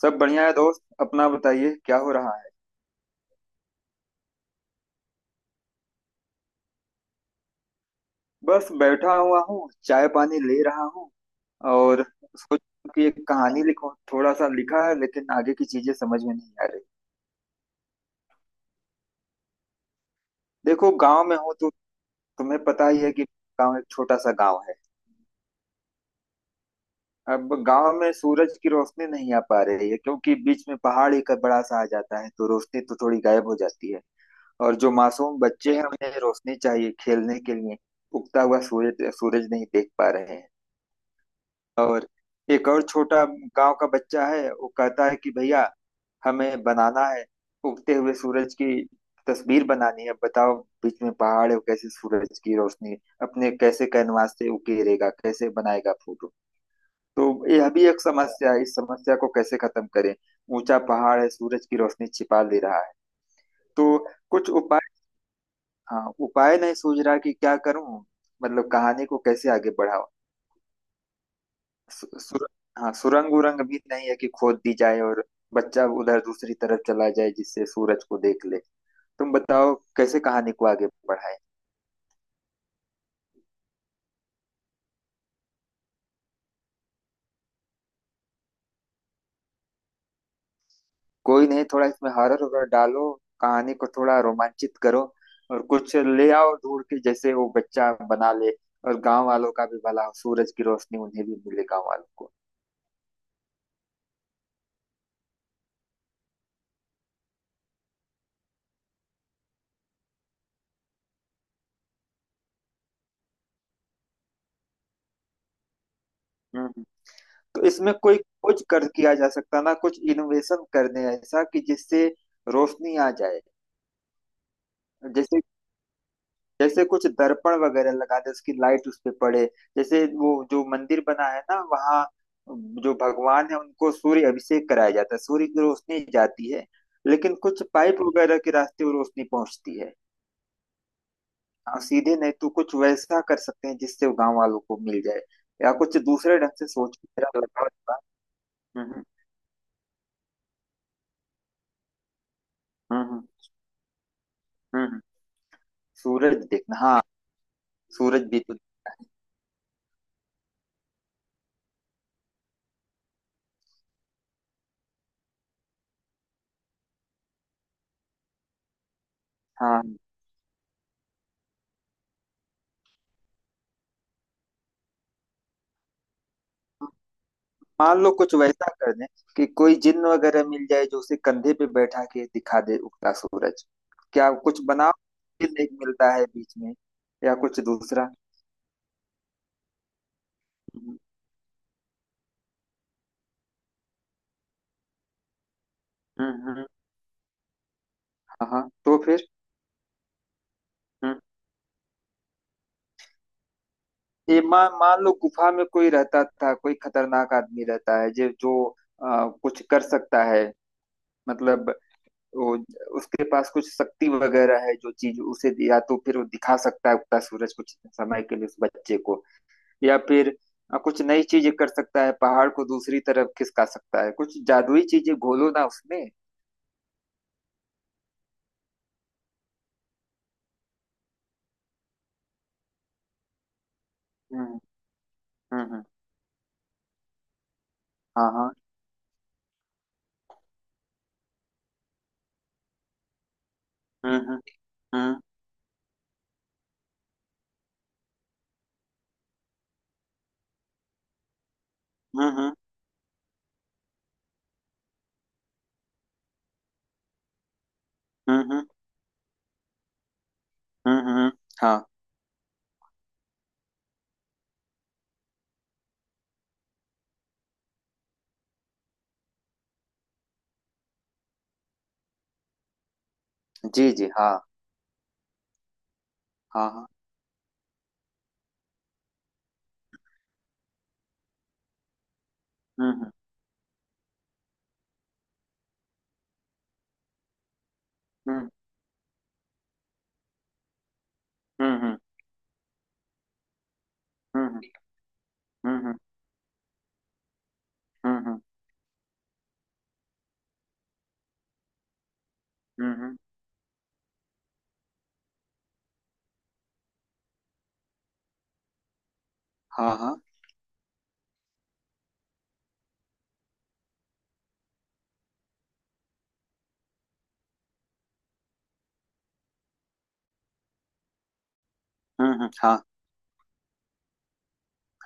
सब बढ़िया है दोस्त। अपना बताइए, क्या हो रहा है? बस बैठा हुआ हूँ, चाय पानी ले रहा हूँ। और सोच रहा हूं कि एक कहानी लिखूं। थोड़ा सा लिखा है लेकिन आगे की चीजें समझ में नहीं आ रही। देखो, गांव में हूँ तो तुम्हें पता ही है कि गांव एक छोटा सा गांव है। अब गांव में सूरज की रोशनी नहीं आ पा रही है क्योंकि बीच में पहाड़ एक बड़ा सा आ जाता है, तो रोशनी तो थोड़ी गायब हो जाती है। और जो मासूम बच्चे हैं उन्हें रोशनी चाहिए खेलने के लिए। उगता हुआ सूरज सूरज नहीं देख पा रहे हैं। और एक और छोटा गांव का बच्चा है, वो कहता है कि भैया हमें बनाना है, उगते हुए सूरज की तस्वीर बनानी है। बताओ, बीच में पहाड़ है, वो कैसे सूरज की रोशनी अपने कैसे कैनवास से उकेरेगा, कैसे बनाएगा फोटो। तो यह भी एक समस्या है, इस समस्या को कैसे खत्म करें। ऊंचा पहाड़ है, सूरज की रोशनी छिपा दे रहा है। तो कुछ उपाय। हाँ, उपाय नहीं सूझ रहा कि क्या करूं। मतलब कहानी को कैसे आगे बढ़ाऊं। सु, सुर, हाँ, सुरंग उरंग भी नहीं है कि खोद दी जाए और बच्चा उधर दूसरी तरफ चला जाए जिससे सूरज को देख ले। तुम बताओ कैसे कहानी को आगे बढ़ाए। कोई नहीं, थोड़ा इसमें हॉरर वगैरह डालो, कहानी को थोड़ा रोमांचित करो, और कुछ ले आओ ढूंढ के, जैसे वो बच्चा बना ले और गांव वालों का भी भला हो, सूरज की रोशनी उन्हें भी मिले, गांव वालों को। हम्म। तो इसमें कोई कुछ कर किया जा सकता ना, कुछ इनोवेशन कर दें ऐसा कि जिससे रोशनी आ जाए। जैसे, जैसे कुछ दर्पण वगैरह लगा दे, उसकी लाइट उस पे पड़े। जैसे वो जो मंदिर बना है ना, वहाँ जो भगवान है उनको सूर्य अभिषेक कराया जाता है, सूर्य की रोशनी जाती है लेकिन कुछ पाइप वगैरह के रास्ते वो रोशनी पहुंचती है। हाँ, सीधे नहीं तो कुछ वैसा कर सकते हैं जिससे वो गांव वालों को मिल जाए। या कुछ दूसरे ढंग से सोच के मेरा बताओ इस बार। हम्म। हम्म। हम्म। हम्म, हम्म। सूरज देखना, हाँ। सूरज भी तो। हाँ, मान लो कुछ वैसा कर दें कि कोई जिन्न वगैरह मिल जाए जो उसे कंधे पे बैठा के दिखा दे उगता सूरज। क्या कुछ बनाओ। जिन्न एक मिलता है बीच में, या कुछ दूसरा। हम्म। हम्म। हाँ हाँ, तो फिर। हम्म। ये मान मान लो गुफा में कोई रहता था, कोई खतरनाक आदमी रहता है जो जो कुछ कर सकता है। मतलब वो, उसके पास कुछ शक्ति वगैरह है जो चीज उसे, या तो फिर वो दिखा सकता है उगता सूरज कुछ समय के लिए उस बच्चे को। या फिर कुछ नई चीजें कर सकता है, पहाड़ को दूसरी तरफ खिसका सकता है, कुछ जादुई चीजें घोलो ना उसमें। हम्म। हम्म। हाँ हाँ। हम्म। हम्म। हम्म। हम्म। हम्म। हम्म। हम्म। हाँ। जी जी हाँ। हाँ हाँ। हम्म। हम्म। हम्म। हम्म। हम्म। हम्म। हम्म। हम्म। हम्म। हम्म, हम्म, हम्म। हाँ हाँ। हाँ।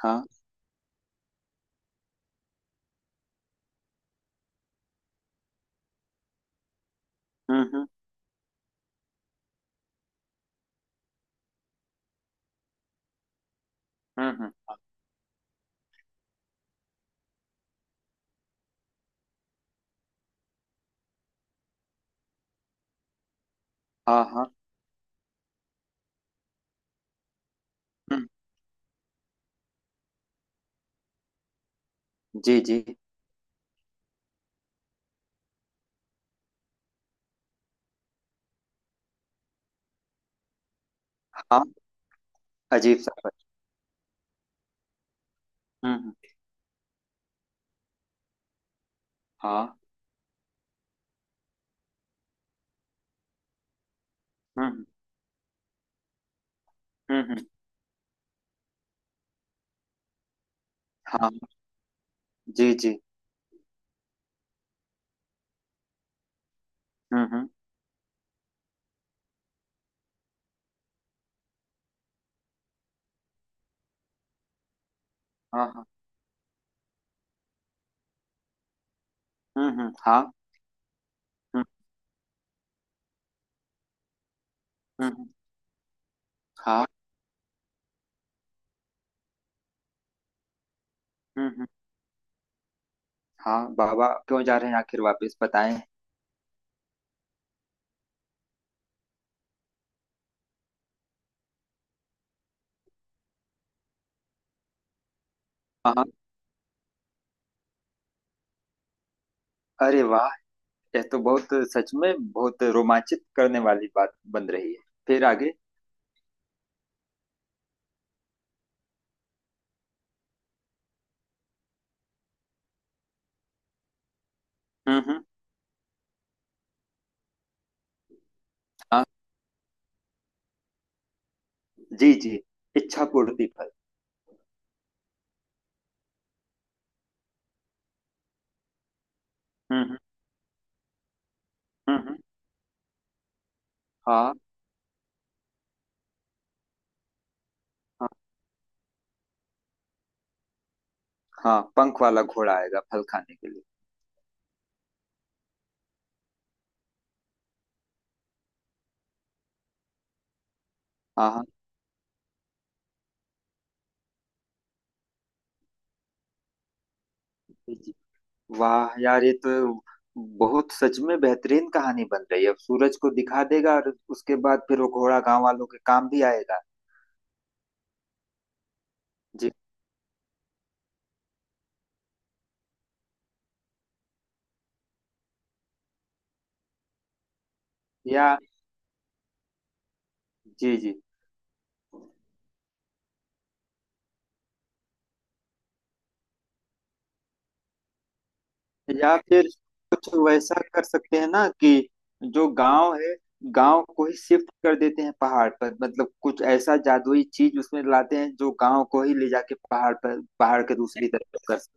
हाँ। हम्म। हम्म। हम्म। हाँ। हाँ। हम्म। जी जी। हाँ। अजीब सा, पर। हम्म। हाँ। हम्म। हम्म। हाँ। जी जी। हम्म। हम्म। हाँ हाँ। हम्म। हाँ। हम्म। हम्म, हाँ। हम्म, हम्म, हाँ बाबा क्यों जा रहे हैं आखिर, वापस बताएं। हाँ। अरे वाह, यह तो बहुत, सच में बहुत रोमांचित करने वाली बात बन रही है। फिर आगे? हम्म। हाँ। जी जी। इच्छा पूर्ति फल। हम्म। हम्म। हम्म, हम्म, हाँ। हाँ। हाँ, पंख वाला घोड़ा आएगा फल खाने के लिए। हाँ हाँ। जी जी। वाह यार, ये तो बहुत, सच में बेहतरीन कहानी बन रही है। अब सूरज को दिखा देगा और उसके बाद फिर वो घोड़ा गांव वालों के काम भी आएगा। जी। या। जी जी। या फिर कुछ वैसा कर सकते हैं ना कि जो गांव है, गांव को ही शिफ्ट कर देते हैं पहाड़ पर, मतलब कुछ ऐसा जादुई चीज उसमें लाते हैं जो गांव को ही ले जाके पहाड़ पर, पहाड़ के दूसरी तरफ कर सकते।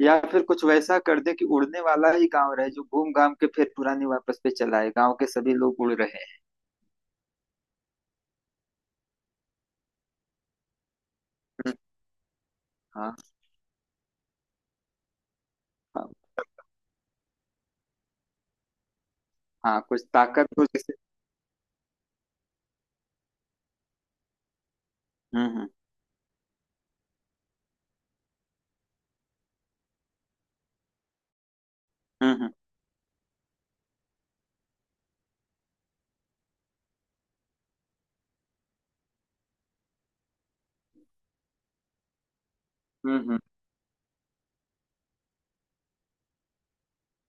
या फिर कुछ वैसा कर दे कि उड़ने वाला ही गांव रहे, जो घूम घाम के फिर पुरानी वापस पे चला है, गांव के सभी लोग उड़ रहे हैं। हम्म, हाँ हाँ। हाँ, कुछ ताकत हो जैसे। हम्म। हम्म। हम्म। हम्म। हम्म।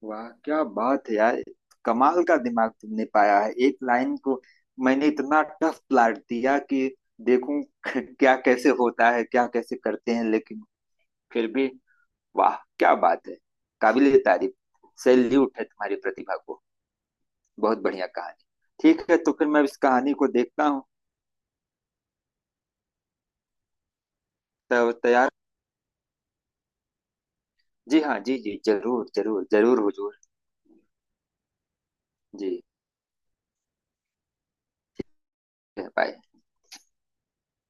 वाह क्या बात है यार, कमाल का दिमाग तुमने पाया है। एक लाइन को मैंने इतना टफ प्लाट दिया कि देखूं क्या कैसे होता है, क्या कैसे करते हैं, लेकिन फिर भी, वाह क्या बात है। ए तारीफ। सैल्यूट है तुम्हारी प्रतिभा को। बहुत बढ़िया कहानी। ठीक है, तो फिर मैं इस कहानी को देखता हूँ। तब तैयार। जी हाँ, जी जी, जरूर जरूर जरूर हुजूर। जी। बाय।